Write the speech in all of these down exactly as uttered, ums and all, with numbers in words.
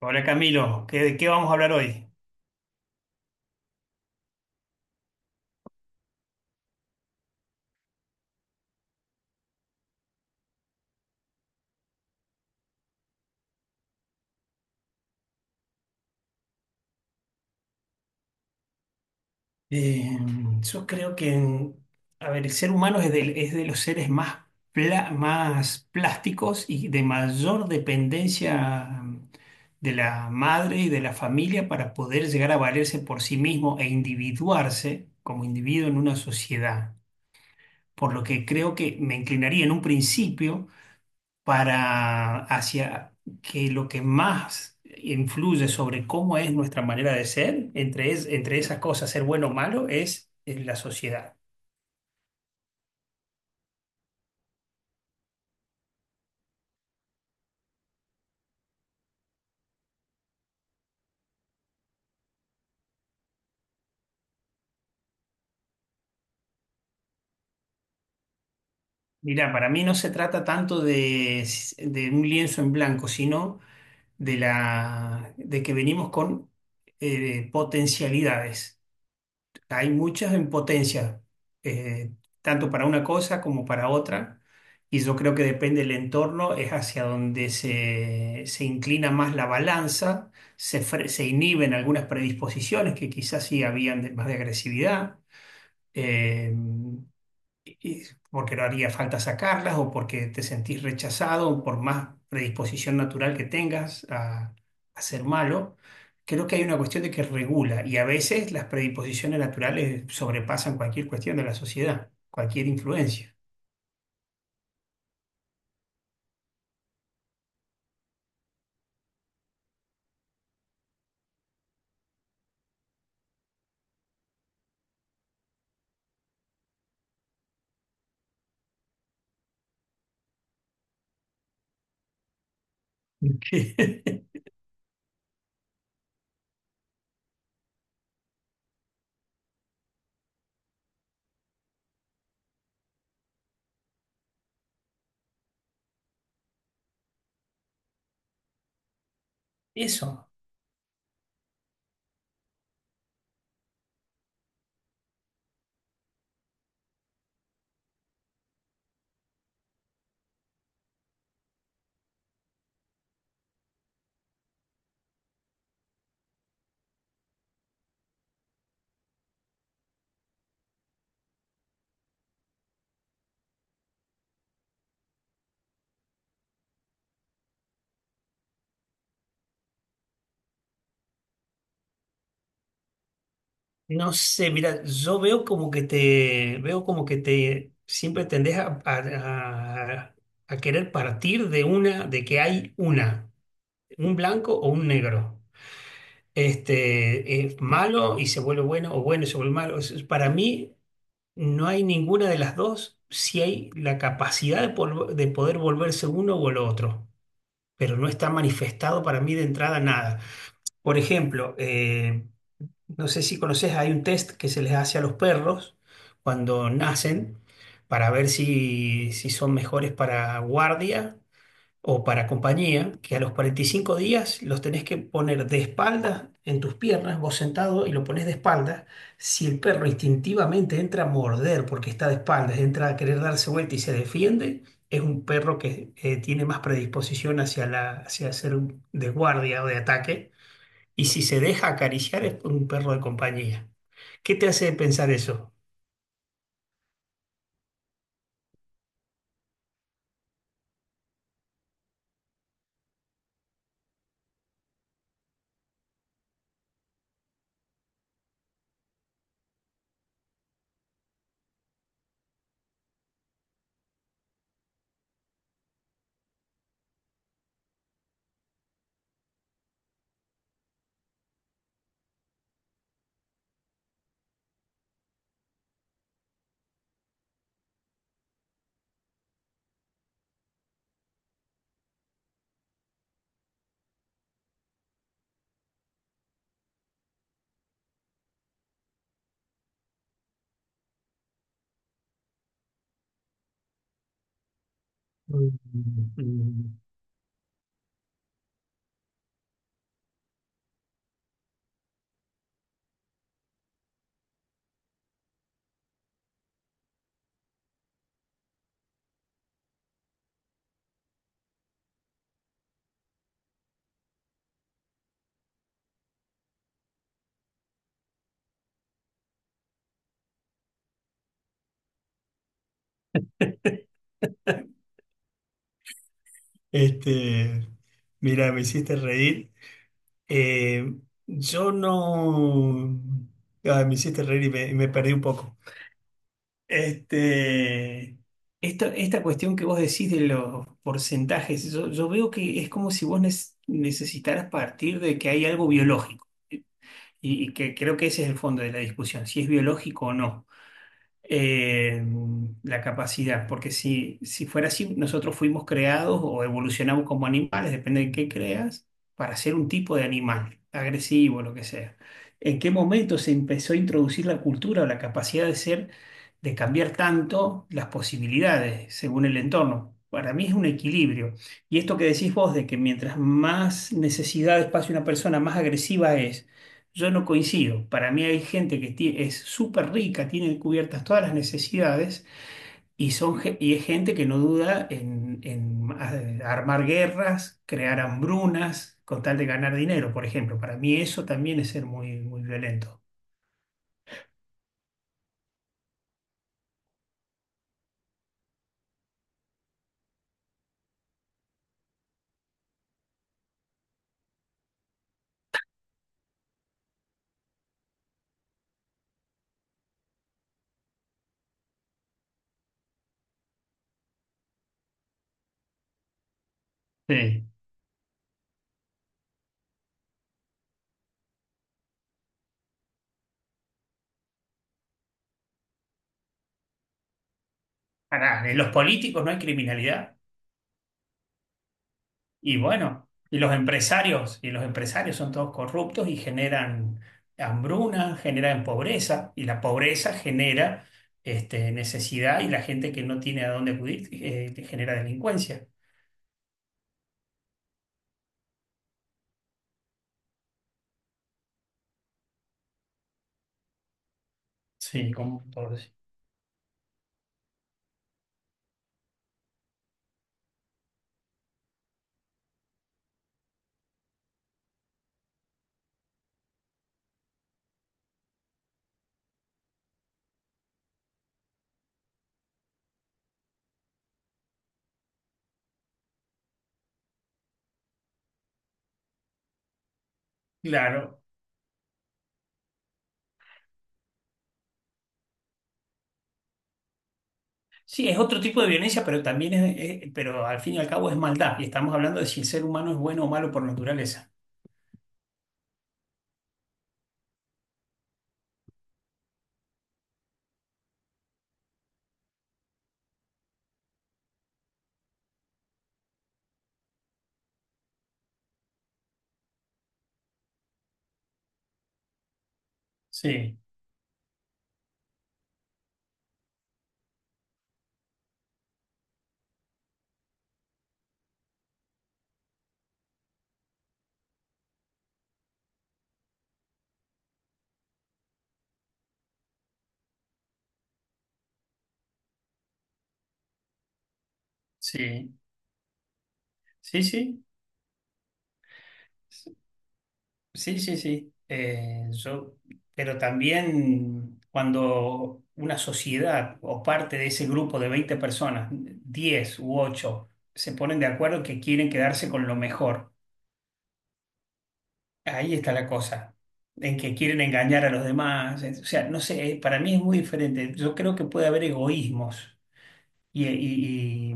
Hola Camilo, ¿qué- ¿de qué vamos a hablar hoy? Eh, yo creo que, a ver, el ser humano es de, es de los seres más, pla- más plásticos y de mayor dependencia mm, de la madre y de la familia para poder llegar a valerse por sí mismo e individuarse como individuo en una sociedad. Por lo que creo que me inclinaría en un principio para hacia que lo que más influye sobre cómo es nuestra manera de ser, entre, es- entre esas cosas, ser bueno o malo, es, es la sociedad. Mira, para mí no se trata tanto de, de un lienzo en blanco, sino de la, de que venimos con eh, potencialidades. Hay muchas en potencia, eh, tanto para una cosa como para otra, y yo creo que depende del entorno, es hacia donde se, se inclina más la balanza, se, fre- se inhiben algunas predisposiciones que quizás sí habían de- más de agresividad. Eh, y- porque no haría falta sacarlas o porque te sentís rechazado o por más predisposición natural que tengas a, a ser malo, creo que hay una cuestión de que regula y a veces las predisposiciones naturales sobrepasan cualquier cuestión de la sociedad, cualquier influencia. Eso, no sé, mira, yo veo como que te, veo como que te, siempre tendés a, a- a- a querer partir de una, de que hay una, un blanco o un negro. Este, es malo y se vuelve bueno, o bueno y se vuelve malo. Es- para mí no hay ninguna de las dos si hay la capacidad de, polvo- de poder volverse uno o el otro, pero no está manifestado para mí de entrada nada. Por ejemplo, eh, no sé si conoces, hay un test que se les hace a los perros cuando nacen para ver si, si son mejores para guardia o para compañía, que a los cuarenta y cinco días los tenés que poner de espaldas en tus piernas, vos sentado y lo pones de espaldas. Si el perro instintivamente entra a morder porque está de espaldas, entra a querer darse vuelta y se defiende, es un perro que eh, tiene más predisposición hacia la, hacia ser un- de guardia o de ataque. Y si se deja acariciar es un perro de compañía. ¿Qué te hace pensar eso? Mm, mm. Este, mira, me hiciste reír. Eh, yo no... Ay, me hiciste reír y me, y me perdí un poco. Este, esta, esta cuestión que vos decís de los porcentajes, yo, yo veo que es como si vos nes- necesitaras partir de que hay algo biológico. Y, y que creo que ese es el fondo de la discusión, si es biológico o no eh, la capacidad, porque si, si fuera así, nosotros fuimos creados o evolucionamos como animales, depende de qué creas, para ser un tipo de animal, agresivo, lo que sea. ¿En qué momento se empezó a introducir la cultura o la capacidad de ser, de cambiar tanto las posibilidades según el entorno? Para mí es un equilibrio. Y esto que decís vos, de que mientras más necesidad de espacio una persona, más agresiva es, yo no coincido. Para mí hay gente que ti- es súper rica, tiene cubiertas todas las necesidades y, son, ge- y es gente que no duda en, en a- armar guerras, crear hambrunas con tal de ganar dinero, por ejemplo. Para mí eso también es ser muy, muy violento. Sí. Pará, en los políticos no hay criminalidad. Y bueno, y los empresarios, y los empresarios son todos corruptos y generan hambruna, generan pobreza, y la pobreza genera este, necesidad y la gente que no tiene a dónde acudir eh, genera delincuencia. Sí, como todos. Claro. Sí, es otro tipo de violencia, pero también es, es- pero al fin y al cabo es maldad. Y estamos hablando de si el ser humano es bueno o malo por naturaleza. Sí, sí, sí, sí. Sí, sí, sí. Eh, yo, pero también cuando una sociedad o parte de ese grupo de veinte personas, diez u ocho se ponen de acuerdo que quieren quedarse con lo mejor, ahí está la cosa, en que quieren engañar a los demás. eh, O sea, no sé, eh, para mí es muy diferente. Yo creo que puede haber egoísmos y, y- y-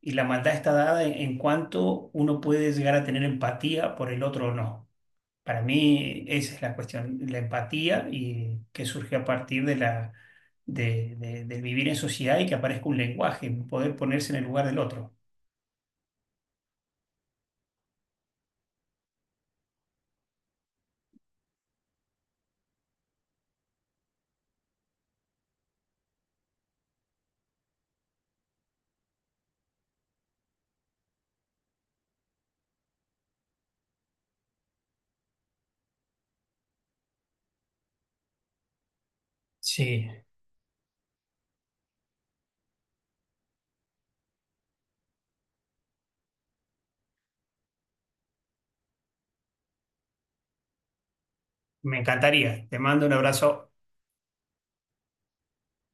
y la maldad está dada en en cuanto uno puede llegar a tener empatía por el otro o no. Para mí esa es la cuestión, la empatía y que surge a partir de la, de, de- del vivir en sociedad y que aparezca un lenguaje, poder ponerse en el lugar del otro. Sí, me encantaría. Te mando un abrazo.